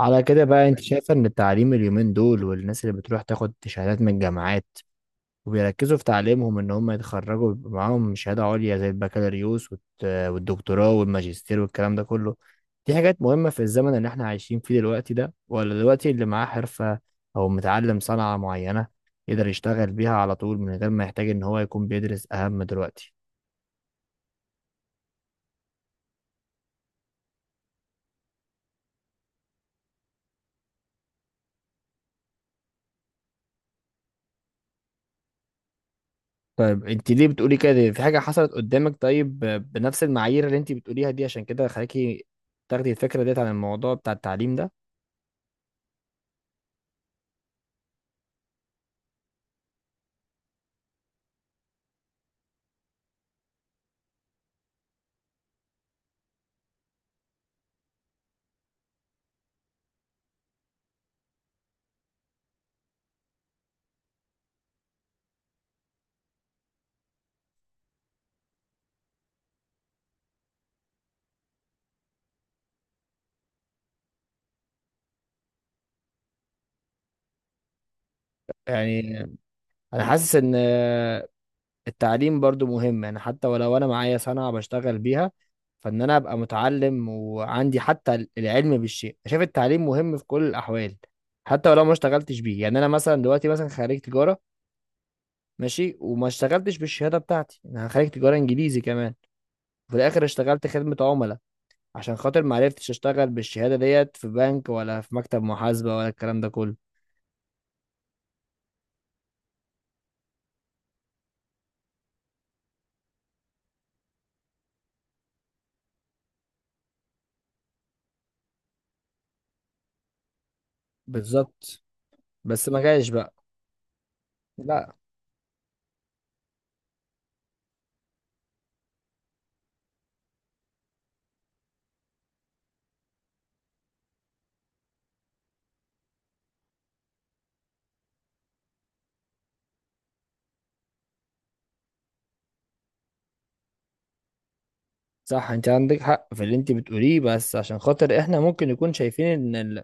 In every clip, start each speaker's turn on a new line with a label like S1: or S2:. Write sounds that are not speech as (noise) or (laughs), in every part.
S1: على كده بقى، انت يعني شايفه ان التعليم اليومين دول، والناس اللي بتروح تاخد شهادات من الجامعات وبيركزوا في تعليمهم ان هم يتخرجوا ويبقى معاهم شهاده عليا زي البكالوريوس والدكتوراه والماجستير والكلام ده كله، دي حاجات مهمه في الزمن اللي احنا عايشين فيه دلوقتي ده، ولا دلوقتي اللي معاه حرفه او متعلم صنعه معينه يقدر يشتغل بيها على طول من غير ما يحتاج ان هو يكون بيدرس اهم دلوقتي؟ طيب انت ليه بتقولي كده؟ في حاجة حصلت قدامك؟ طيب بنفس المعايير اللي انت بتقوليها دي عشان كده خلاكي تاخدي الفكرة ديت عن الموضوع بتاع التعليم ده؟ يعني انا حاسس ان التعليم برضو مهم، يعني حتى ولو انا معايا صنعة بشتغل بيها، فان انا ابقى متعلم وعندي حتى العلم بالشيء. شايف التعليم مهم في كل الاحوال حتى ولو ما اشتغلتش بيه. يعني انا مثلا دلوقتي مثلا خريج تجارة، ماشي، وما اشتغلتش بالشهادة بتاعتي. انا خريج تجارة انجليزي كمان، وفي الاخر اشتغلت خدمة عملاء عشان خاطر ما عرفتش اشتغل بالشهادة ديت في بنك، ولا في مكتب محاسبة، ولا الكلام ده كله. بالظبط. بس ما جاش بقى. لا. صح، انت عندك حق في اللي انت بتقوليه، بس عشان خاطر احنا ممكن نكون شايفين ان ال...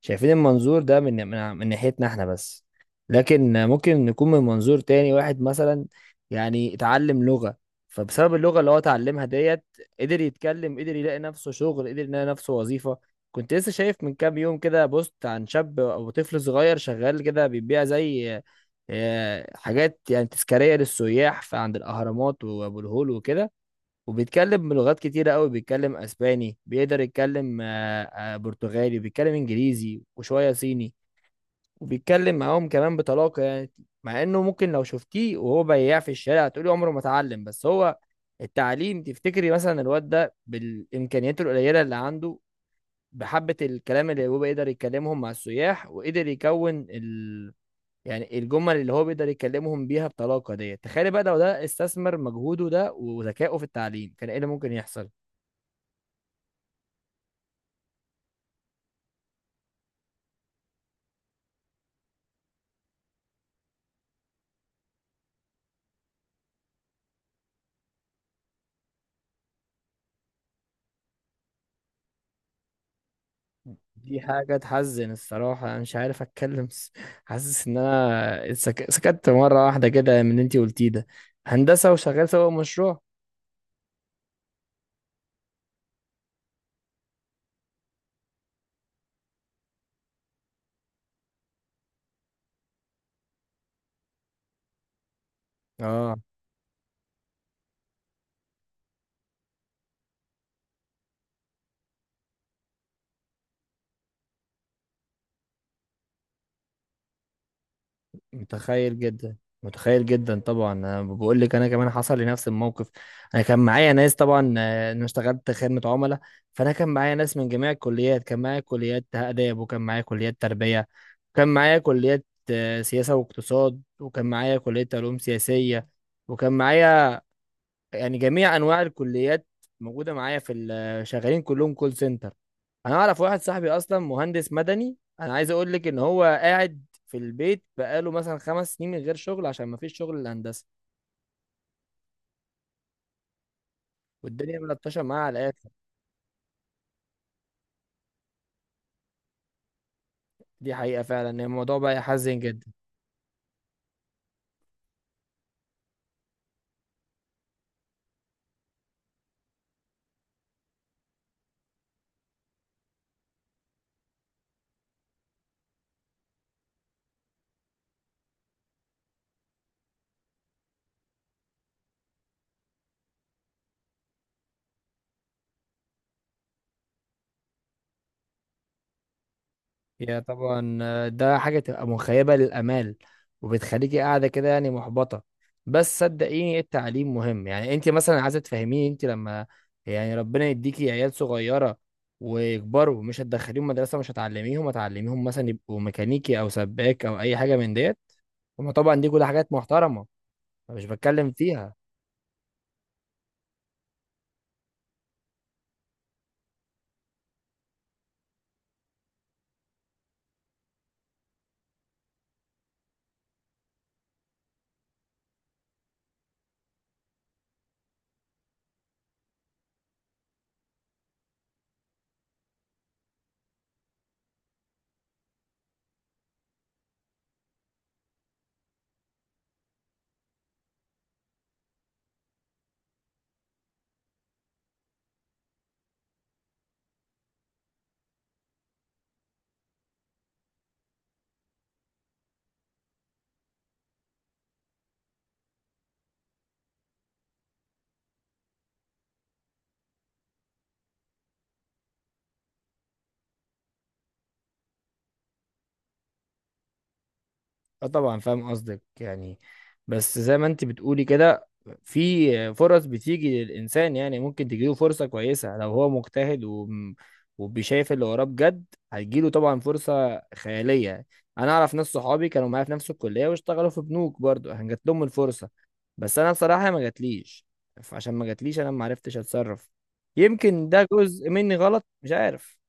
S1: شايفين المنظور ده من ناحيتنا احنا بس. لكن ممكن نكون من منظور تاني. واحد مثلا يعني اتعلم لغة، فبسبب اللغة اللي هو اتعلمها ديت قدر يتكلم، قدر يلاقي نفسه شغل، قدر يلاقي نفسه وظيفة. كنت لسه شايف من كام يوم كده بوست عن شاب او طفل صغير شغال كده بيبيع زي حاجات يعني تذكارية للسياح في عند الأهرامات وأبو الهول وكده. وبيتكلم بلغات كتيرة قوي، بيتكلم اسباني، بيقدر يتكلم برتغالي، بيتكلم انجليزي وشوية صيني، وبيتكلم معاهم كمان بطلاقة يعني. مع انه ممكن لو شفتيه وهو بياع في الشارع تقولي عمره ما اتعلم، بس هو التعليم. تفتكري مثلا الواد ده بالامكانيات القليلة اللي عنده، بحبة الكلام اللي هو بيقدر يتكلمهم مع السياح، وقدر يكون ال... يعني الجمل اللي هو بيقدر يكلمهم بيها بطلاقة ديت، تخيلي بقى لو ده استثمر مجهوده ده وذكائه في التعليم كان ايه اللي ممكن يحصل؟ دي حاجة تحزن الصراحة. أنا مش عارف أتكلم. (laughs) حاسس إن أنا سكت مرة واحدة كده من اللي أنتي قلتيه ده. هندسة وشغال سوا مشروع. آه. متخيل جدا، متخيل جدا. طبعا أنا بقول لك أنا كمان حصل لي نفس الموقف. أنا كان معايا ناس طبعا، أنا اشتغلت خدمة عملاء. فأنا كان معايا ناس من جميع الكليات، كان معايا كليات آداب، وكان معايا كليات تربية، وكان معايا كليات سياسة واقتصاد، وكان معايا كلية علوم سياسية، وكان معايا يعني جميع انواع الكليات موجوده معايا في شغالين كلهم كول سنتر. انا اعرف واحد صاحبي اصلا مهندس مدني، انا عايز اقول لك ان هو قاعد في البيت بقاله مثلا 5 سنين من غير شغل عشان ما فيش شغل الهندسه، والدنيا ملطشه معاه على الاخر. دي حقيقه فعلا، إن الموضوع بقى يحزن جدا. هي طبعا، ده حاجة تبقى مخيبة للآمال، وبتخليكي قاعدة كده يعني محبطة. بس صدقيني التعليم مهم. يعني انت مثلا عايزة تفهميني انت لما يعني ربنا يديكي عيال صغيرة ويكبروا مش هتدخليهم مدرسة؟ مش هتعلميهم؟ هتعلميهم مثلا يبقوا ميكانيكي أو سباك أو أي حاجة من ديت؟ هما طبعا دي كلها حاجات محترمة، أنا مش بتكلم فيها. اه، طبعا فاهم قصدك يعني. بس زي ما انت بتقولي كده، في فرص بتيجي للإنسان. يعني ممكن تجيله فرصة كويسة لو هو مجتهد وبيشايف اللي وراه بجد، هتجيله طبعا فرصة خيالية. أنا أعرف ناس صحابي كانوا معايا في نفس الكلية واشتغلوا في بنوك برضو، كان جات لهم الفرصة. بس أنا بصراحة ما جاتليش، فعشان ما جاتليش أنا ما عرفتش أتصرف. يمكن ده جزء مني غلط، مش عارف.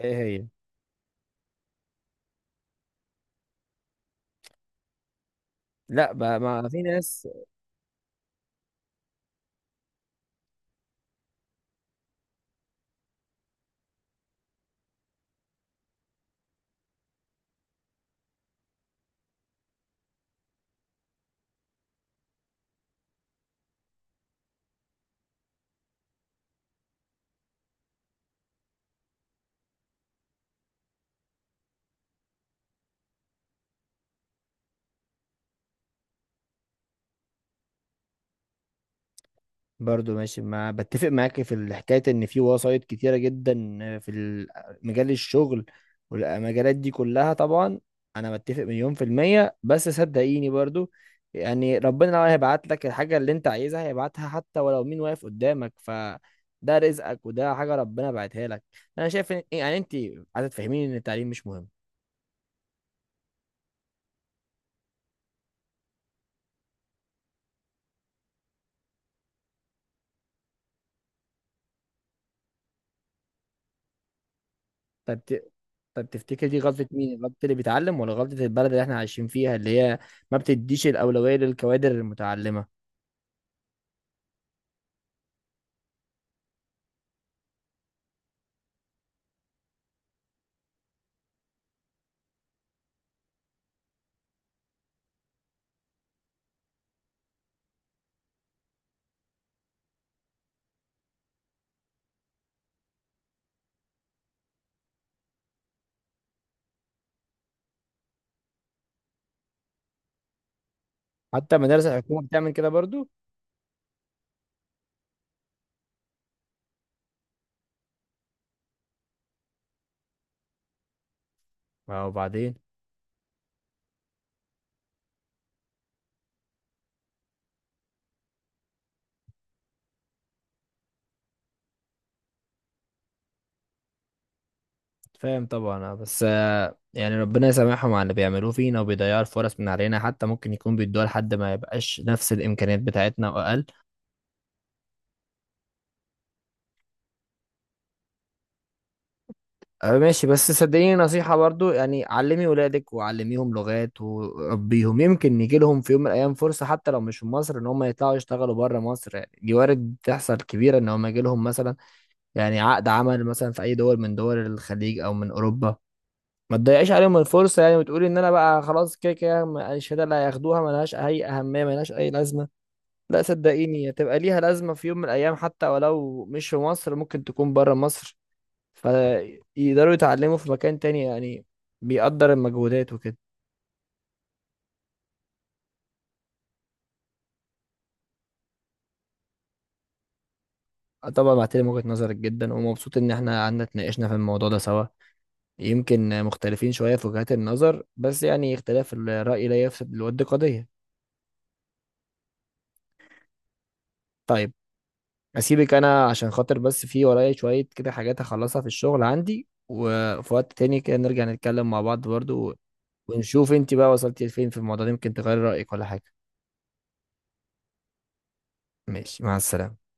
S1: إيه هي؟ لا بقى، ما في ناس. برضو ماشي، مع بتفق معاك في الحكاية ان في وسايط كتيرة جدا، في مجال الشغل والمجالات دي كلها طبعا. انا متفق مليون في المية، بس صدقيني برضو، يعني ربنا لو هيبعت لك الحاجة اللي انت عايزها هيبعتها حتى ولو مين واقف قدامك. ف ده رزقك وده حاجة ربنا بعتها لك. انا شايف ان يعني انت عايزة تفهميني ان التعليم مش مهم. طب ت... طب تفتكر دي غلطة مين؟ غلطة اللي بيتعلم ولا غلطة البلد اللي احنا عايشين فيها اللي هي ما بتديش الأولوية للكوادر المتعلمة؟ حتى المدارس الحكومة بتعمل كده برضو. اه، وبعدين. فاهم طبعا، بس يعني ربنا يسامحهم على اللي بيعملوه فينا وبيضيعوا الفرص من علينا، حتى ممكن يكون بيدوها لحد ما يبقاش نفس الامكانيات بتاعتنا واقل. ماشي. بس صدقيني نصيحة برضو، يعني علمي ولادك وعلميهم لغات وربيهم، يمكن يجي لهم في يوم من الايام فرصة حتى لو مش في مصر، ان هم يطلعوا يشتغلوا بره مصر. يعني دي وارد تحصل كبيرة ان هم يجي لهم مثلا يعني عقد عمل مثلا في اي دول من دول الخليج او من اوروبا. ما تضيعيش عليهم الفرصه، يعني وتقولي ان انا بقى خلاص كده كده الشهاده اللي هياخدوها ملهاش اي اهميه، ملهاش اي لازمه. لا صدقيني هتبقى ليها لازمه في يوم من الايام حتى ولو مش في مصر ممكن تكون بره مصر، فيقدروا يتعلموا في مكان تاني يعني. بيقدر المجهودات وكده. آه، طبعا بعتلم وجهة نظرك جدا، ومبسوط ان احنا قعدنا اتناقشنا في الموضوع ده سوا. يمكن مختلفين شويه في وجهات النظر بس يعني اختلاف الرأي لا يفسد للود قضيه. طيب اسيبك انا عشان خاطر بس في ورايا شوية كده حاجات هخلصها في الشغل عندي، وفي وقت تاني كده نرجع نتكلم مع بعض برضو ونشوف انت بقى وصلتي لفين في الموضوع ده. يمكن تغير رأيك ولا حاجة. ماشي، مع السلامة.